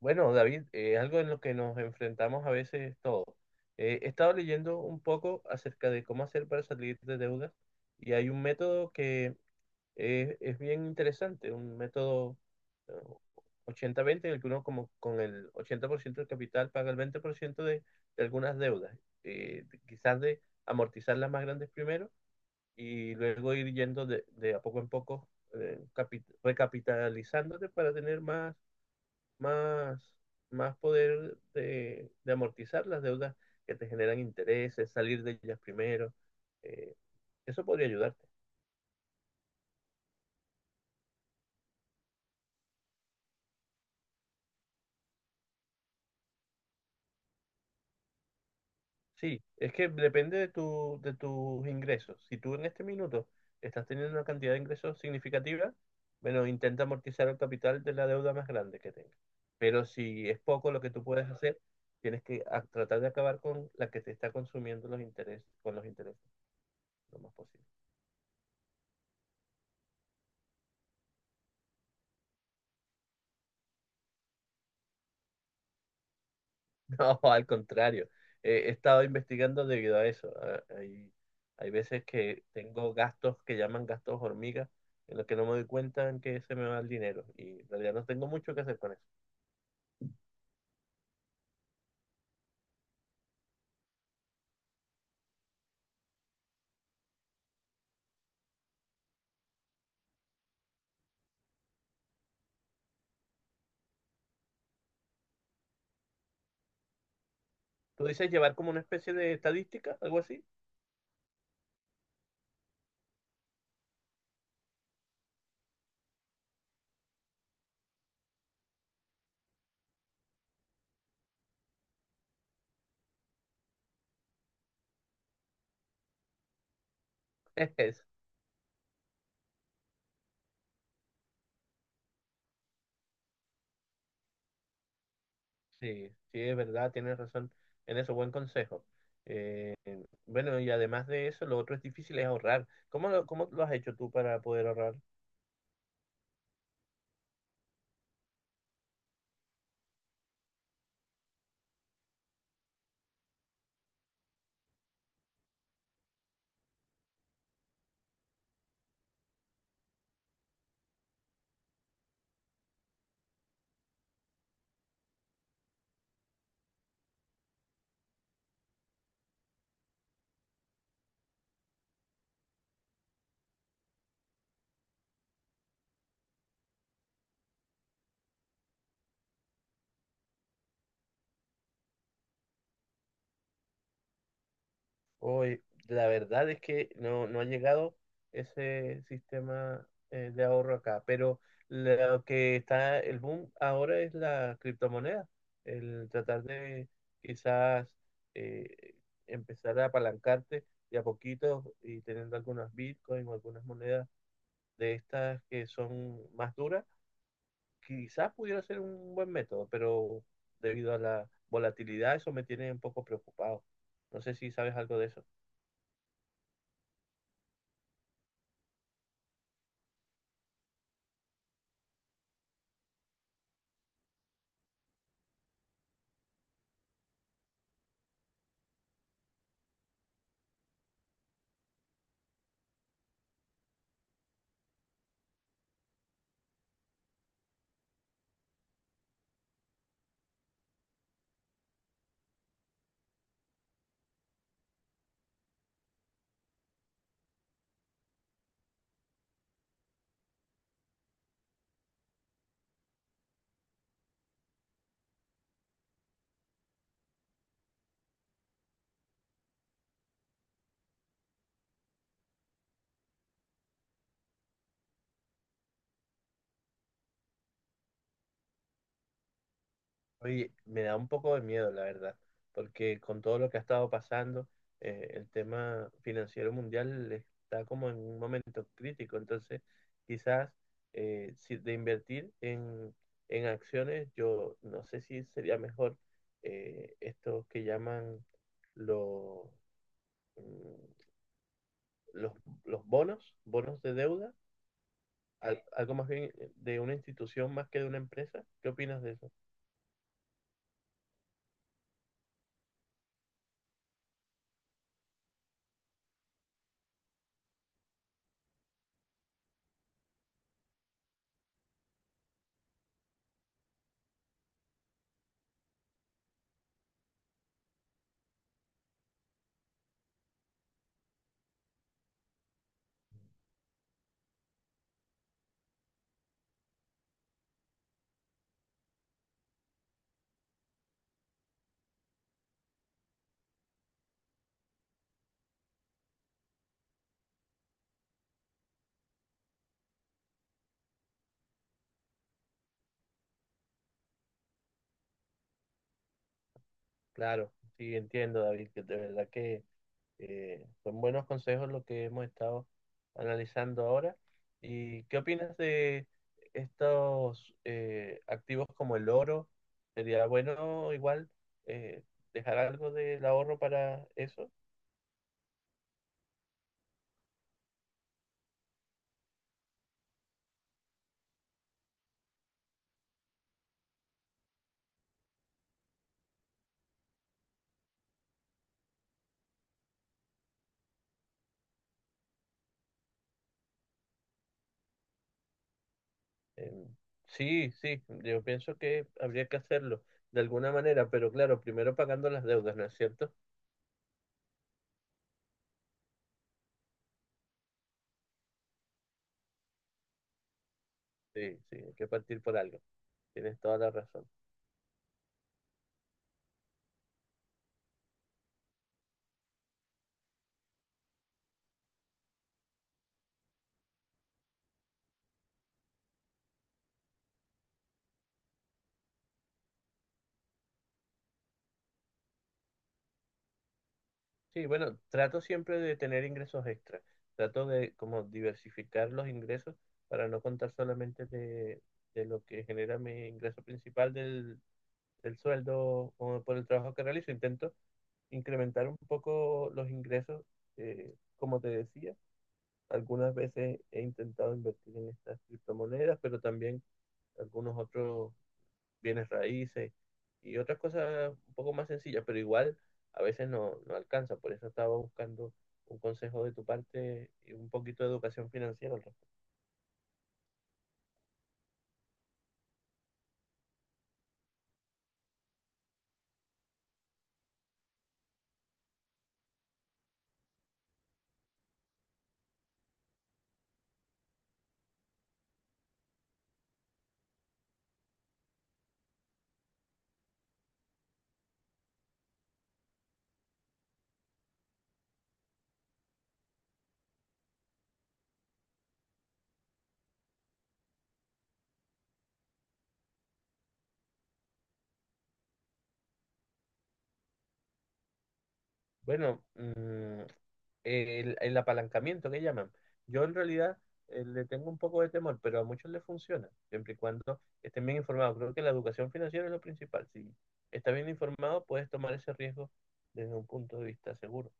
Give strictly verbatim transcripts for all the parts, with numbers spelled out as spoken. Bueno, David, eh, algo en lo que nos enfrentamos a veces todos. Eh, he estado leyendo un poco acerca de cómo hacer para salir de deudas, y hay un método que es, es bien interesante, un método eh, ochenta a veinte, en el que uno como con el ochenta por ciento del capital paga el veinte por ciento de, de algunas deudas, eh, de- quizás de amortizar las más grandes primero y luego ir yendo de, de a poco en poco, eh, capi- recapitalizándote para tener más, más, más poder de, de amortizar las deudas que te generan intereses, salir de ellas primero. eh, Eso podría ayudarte. Sí, es que depende de tu, de tus ingresos. Si tú en este minuto estás teniendo una cantidad de ingresos significativa, bueno, intenta amortizar el capital de la deuda más grande que tengas. Pero si es poco lo que tú puedes hacer, tienes que a- tratar de acabar con la que te está consumiendo los intereses, con los intereses, lo más posible. No, al contrario. Eh, he estado investigando debido a eso. Ah, Hay, hay veces que tengo gastos que llaman gastos hormigas, en los que no me doy cuenta en que se me va el dinero, y en realidad no tengo mucho que hacer con eso. ¿Tú dices llevar como una especie de estadística, algo así? Es, sí, sí, es verdad, tienes razón en eso, buen consejo. Eh, bueno, y además de eso, lo otro es difícil es ahorrar. ¿Cómo lo, cómo lo has hecho tú para poder ahorrar? Hoy, la verdad es que no, no ha llegado ese sistema eh, de ahorro acá, pero lo que está el boom ahora es la criptomoneda, el tratar de quizás eh, empezar a apalancarte de a poquito y teniendo algunas bitcoins o algunas monedas de estas que son más duras. Quizás pudiera ser un buen método, pero debido a la volatilidad eso me tiene un poco preocupado. No sé si sabes algo de eso. Oye, me da un poco de miedo, la verdad, porque con todo lo que ha estado pasando, eh, el tema financiero mundial está como en un momento crítico. Entonces, quizás, eh, si de invertir en, en acciones, yo no sé si sería mejor eh, estos que llaman lo- mm, los, los bonos, bonos de deuda, al- algo más bien de una institución más que de una empresa. ¿Qué opinas de eso? Claro, sí, entiendo, David, que de verdad que Eh, son buenos consejos los que hemos estado analizando ahora. ¿Y qué opinas de estos eh, activos como el oro? ¿Sería bueno igual eh, dejar algo del ahorro para eso? Eh, sí, sí, yo pienso que habría que hacerlo de alguna manera, pero claro, primero pagando las deudas, ¿no es cierto? Sí, sí, hay que partir por algo. Tienes toda la razón. Sí, bueno, trato siempre de tener ingresos extra. Trato de como diversificar los ingresos para no contar solamente de, de lo que genera mi ingreso principal del, del sueldo o por el trabajo que realizo. Intento incrementar un poco los ingresos, eh, como te decía. Algunas veces he intentado invertir en estas criptomonedas, pero también algunos otros bienes raíces y otras cosas un poco más sencillas, pero igual a veces no, no alcanza. Por eso estaba buscando un consejo de tu parte y un poquito de educación financiera al respecto. Bueno, mm, el, el apalancamiento que llaman. Yo en realidad eh, le tengo un poco de temor, pero a muchos les funciona, siempre y cuando estén bien informados. Creo que la educación financiera es lo principal. Si estás bien informado, puedes tomar ese riesgo desde un punto de vista seguro.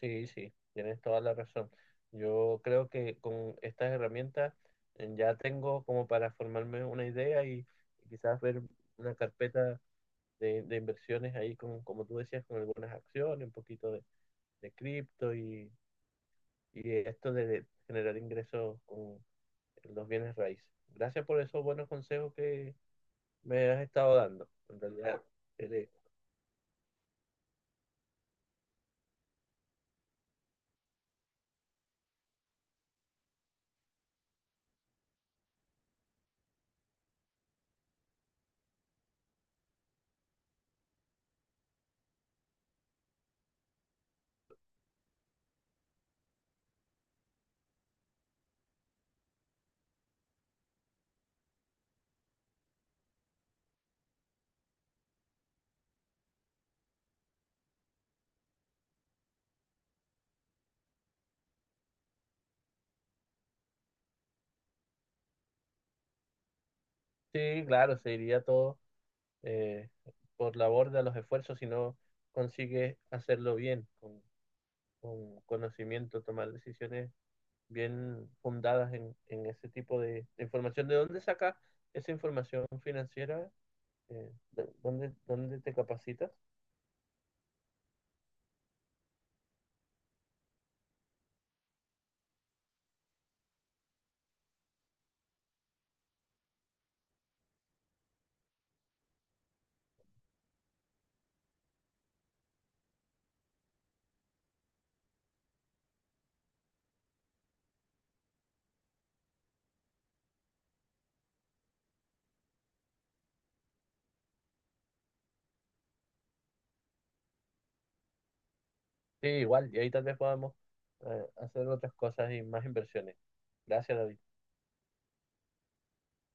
Sí, sí, tienes toda la razón. Yo creo que con estas herramientas eh, ya tengo como para formarme una idea, y, y quizás ver una carpeta de, de inversiones ahí, con, como tú decías, con algunas acciones, un poquito de, de cripto, y, y esto de generar ingresos con los bienes raíces. Gracias por esos buenos consejos que me has estado dando. En realidad, eh, sí, claro, se iría todo eh, por la borda los esfuerzos si no consigues hacerlo bien, con, con conocimiento, tomar decisiones bien fundadas en, en ese tipo de, de información. ¿De dónde sacas esa información financiera? Eh, ¿de- ¿dónde, dónde te capacitas? Sí, igual, y ahí tal vez podamos eh, hacer otras cosas y más inversiones. Gracias, David.